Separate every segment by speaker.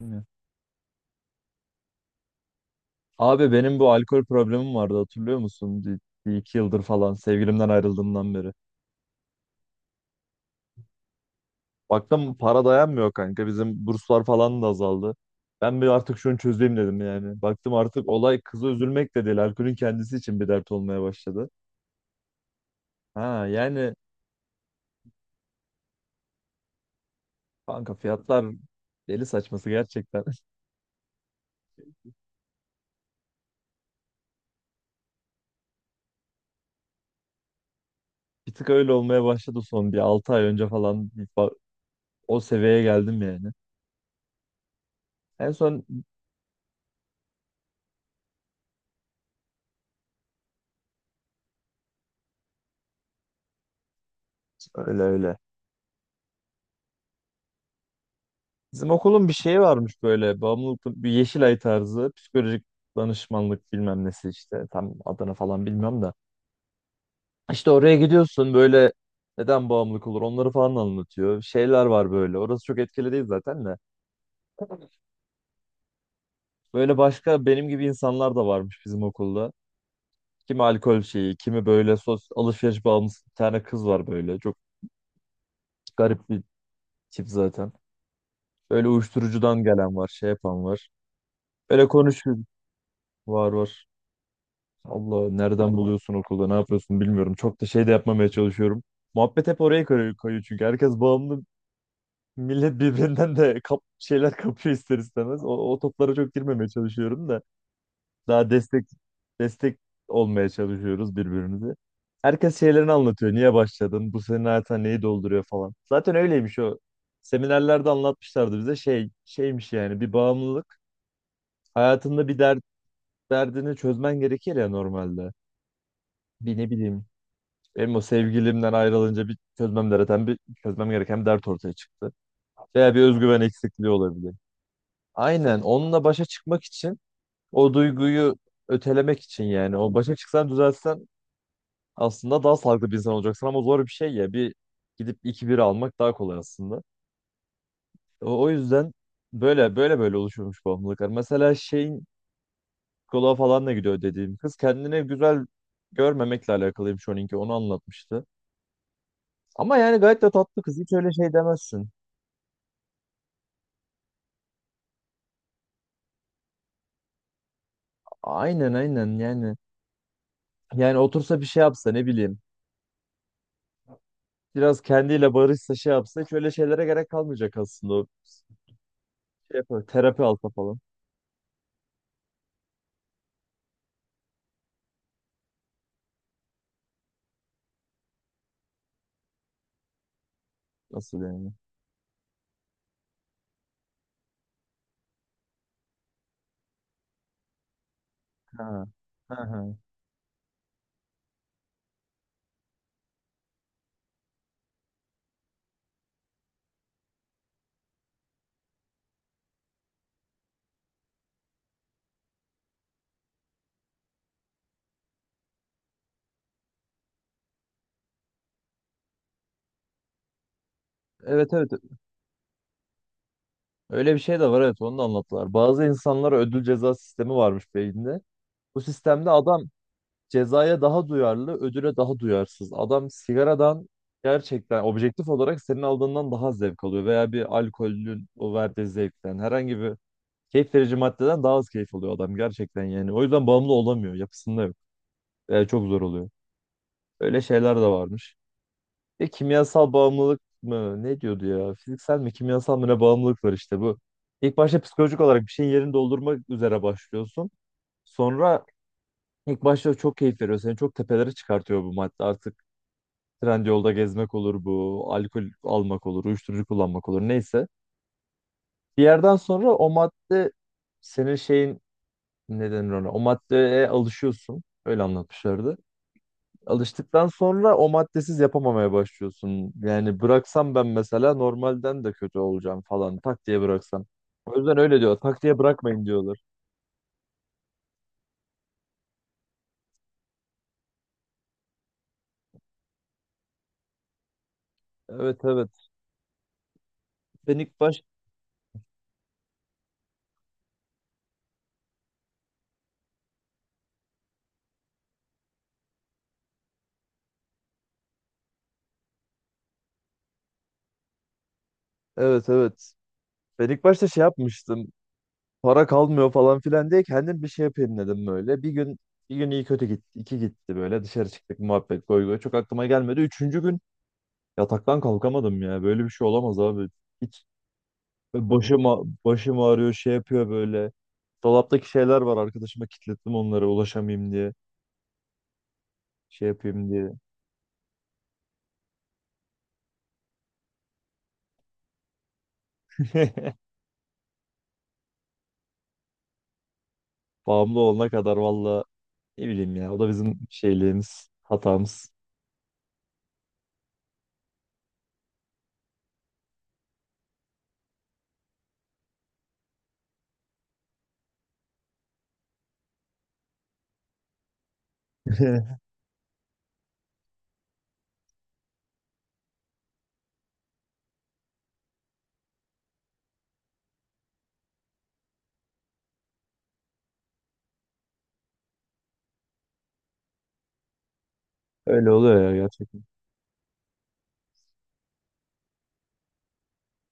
Speaker 1: Bilmiyorum. Abi benim bu alkol problemim vardı hatırlıyor musun? Bir iki yıldır falan sevgilimden ayrıldığımdan beri. Baktım para dayanmıyor kanka, bizim burslar falan da azaldı. Ben bir artık şunu çözeyim dedim yani. Baktım artık olay kıza üzülmek de değil, alkolün kendisi için bir dert olmaya başladı. Ha yani kanka, fiyatlar deli saçması gerçekten. Bir tık öyle olmaya başladı, son bir 6 ay önce falan o seviyeye geldim yani. En son öyle öyle. Bizim okulun bir şeyi varmış, böyle bağımlılık, bir Yeşilay tarzı psikolojik danışmanlık bilmem nesi işte, tam adını falan bilmiyorum da. İşte oraya gidiyorsun böyle, neden bağımlılık olur onları falan anlatıyor. Şeyler var böyle, orası çok etkili değil zaten de. Böyle başka benim gibi insanlar da varmış bizim okulda. Kimi alkol şeyi, kimi böyle sos alışveriş bağımlısı, bir tane kız var böyle çok garip bir tip zaten. Böyle uyuşturucudan gelen var, şey yapan var. Böyle konuşuyor, var var. Allah nereden buluyorsun okulda ne yapıyorsun bilmiyorum. Çok da şey de yapmamaya çalışıyorum. Muhabbet hep oraya kayıyor çünkü herkes bağımlı. Millet birbirinden de şeyler kapıyor ister istemez. O toplara çok girmemeye çalışıyorum da daha destek olmaya çalışıyoruz birbirimize. Herkes şeylerini anlatıyor. Niye başladın? Bu senin hayatına neyi dolduruyor falan. Zaten öyleymiş o. Seminerlerde anlatmışlardı bize, şey şeymiş yani bir bağımlılık. Hayatında bir derdini çözmen gerekir ya normalde. Bir ne bileyim, benim o sevgilimden ayrılınca bir çözmem gereken bir dert ortaya çıktı. Veya bir özgüven eksikliği olabilir. Aynen, onunla başa çıkmak için, o duyguyu ötelemek için yani, o başa çıksan düzelsen aslında daha sağlıklı bir insan olacaksın, ama zor bir şey ya, bir gidip iki bira almak daha kolay aslında. O yüzden böyle oluşuyormuş bağımlılıklar. Mesela şeyin, psikoloğa falan da gidiyor dediğim kız, kendine güzel görmemekle alakalıymış, onunki onu anlatmıştı. Ama yani gayet de tatlı kız, hiç öyle şey demezsin. Aynen aynen yani. Yani otursa bir şey yapsa ne bileyim. Biraz kendiyle barışsa şey yapsa hiç öyle şeylere gerek kalmayacak aslında. O şey yapar, terapi alsa falan. Nasıl yani? Ha. Ha, ha. Evet evet, öyle bir şey de var, evet onu da anlattılar. Bazı insanlara ödül ceza sistemi varmış beyinde. Bu sistemde adam cezaya daha duyarlı, ödüle daha duyarsız. Adam sigaradan gerçekten objektif olarak senin aldığından daha zevk alıyor veya bir alkolün o verdiği zevkten, herhangi bir keyif verici maddeden daha az keyif alıyor adam gerçekten yani. O yüzden bağımlı olamıyor. Yapısında yok. Yani çok zor oluyor. Öyle şeyler de varmış. E, kimyasal bağımlılık mı? Ne diyordu ya? Fiziksel mi, kimyasal mı, ne bağımlılık var işte bu. İlk başta psikolojik olarak bir şeyin yerini doldurmak üzere başlıyorsun. Sonra ilk başta çok keyif veriyor. Seni çok tepelere çıkartıyor bu madde. Artık Trendyol'da gezmek olur bu. Alkol almak olur. Uyuşturucu kullanmak olur. Neyse. Bir yerden sonra o madde senin şeyin, ne denir ona? O maddeye alışıyorsun. Öyle anlatmışlardı. Alıştıktan sonra o maddesiz yapamamaya başlıyorsun. Yani bıraksam ben mesela normalden de kötü olacağım falan, tak diye bıraksam. O yüzden öyle diyor. Tak diye bırakmayın diyorlar. Evet evet. Ben ilk baş Evet evet. Ben ilk başta şey yapmıştım. Para kalmıyor falan filan diye kendim bir şey yapayım dedim böyle. Bir gün iyi kötü gitti. İki gitti böyle, dışarı çıktık muhabbet goy goy. Çok aklıma gelmedi. Üçüncü gün yataktan kalkamadım ya. Böyle bir şey olamaz abi. Hiç böyle başım ağrıyor şey yapıyor böyle. Dolaptaki şeyler var, arkadaşıma kilitledim onları ulaşamayayım diye. Şey yapayım diye. Bağımlı olana kadar valla ne bileyim ya. O da bizim şeyliğimiz, hatamız. Öyle oluyor ya gerçekten.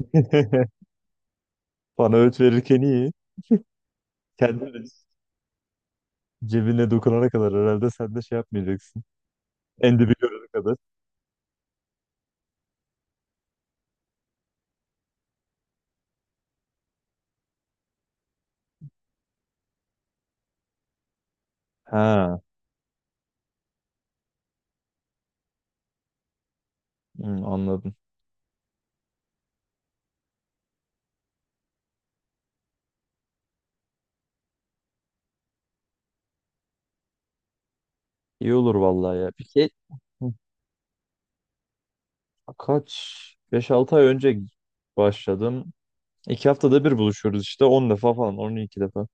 Speaker 1: Bana öğüt verirken iyi. Kendim Cebine dokunana kadar herhalde sen de şey yapmayacaksın. En dibi görene kadar. Ha, hı, anladım. İyi olur vallahi ya. Peki, hı, kaç? 5-6 ay önce başladım. 2 haftada bir buluşuyoruz işte. 10 defa falan, 12 defa.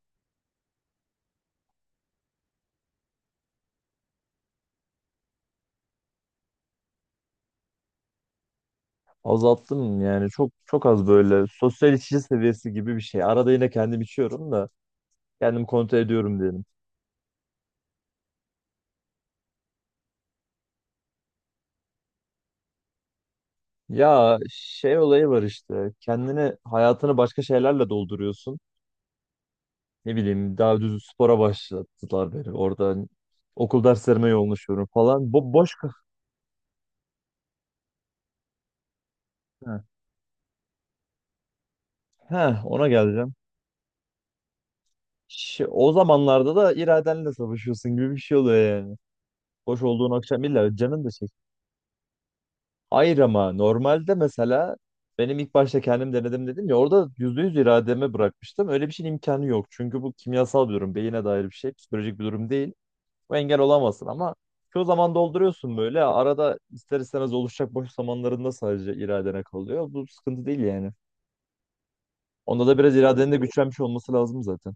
Speaker 1: Azalttım yani, çok çok az, böyle sosyal içici seviyesi gibi bir şey. Arada yine kendim içiyorum da kendim kontrol ediyorum diyelim. Ya şey olayı var işte, kendini hayatını başka şeylerle dolduruyorsun. Ne bileyim, daha düz spora başlattılar beni. Orada okul derslerime yoğunlaşıyorum falan. Boş kafa. Heh, ona geleceğim. O zamanlarda da iradenle savaşıyorsun gibi bir şey oluyor yani. Boş olduğun akşam illa canın da çek. Hayır ama normalde mesela benim ilk başta kendim denedim dedim ya, orada %100 irademe bırakmıştım. Öyle bir şeyin imkanı yok. Çünkü bu kimyasal bir durum. Beyine dair bir şey. Psikolojik bir durum değil. Bu engel olamazsın, ama çoğu zaman dolduruyorsun böyle. Arada ister istemez oluşacak boş zamanlarında sadece iradene kalıyor. Bu sıkıntı değil yani. Onda da biraz iradenin de güçlenmiş olması lazım zaten.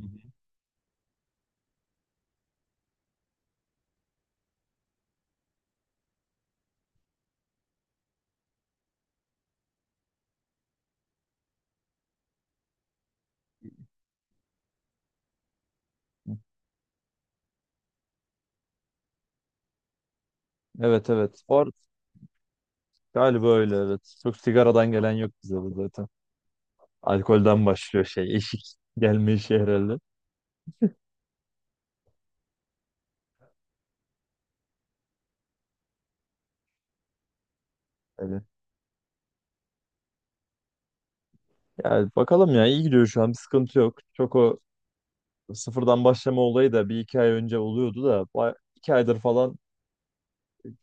Speaker 1: Hı hı. Evet evet. Bu arada galiba öyle evet. Çok sigaradan gelen yok bize de zaten. Alkolden başlıyor şey. Eşik gelme işi herhalde. Öyle. Yani bakalım ya, iyi gidiyor şu an. Bir sıkıntı yok. Çok o sıfırdan başlama olayı da bir iki ay önce oluyordu da, 2 aydır falan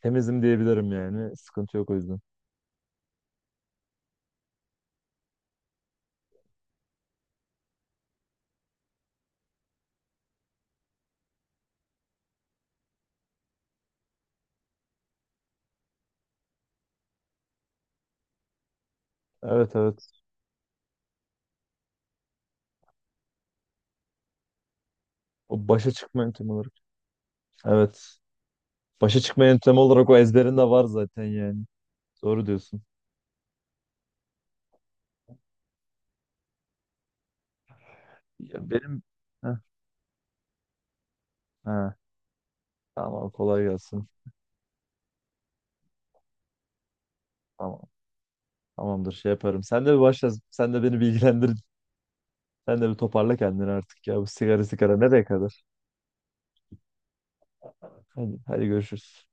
Speaker 1: temizim diyebilirim yani. Sıkıntı yok o yüzden. Evet evet. O başa çıkma yöntemi olarak. Evet. Başa çıkma yöntemi olarak o ezberinde var zaten yani. Doğru diyorsun. Ya benim Heh, ha, tamam kolay gelsin. Tamam. Tamamdır şey yaparım. Sen de bir başla. Sen de beni bilgilendir. Sen de bir toparla kendini artık ya. Bu sigara sigara nereye kadar? Hadi, hadi görüşürüz.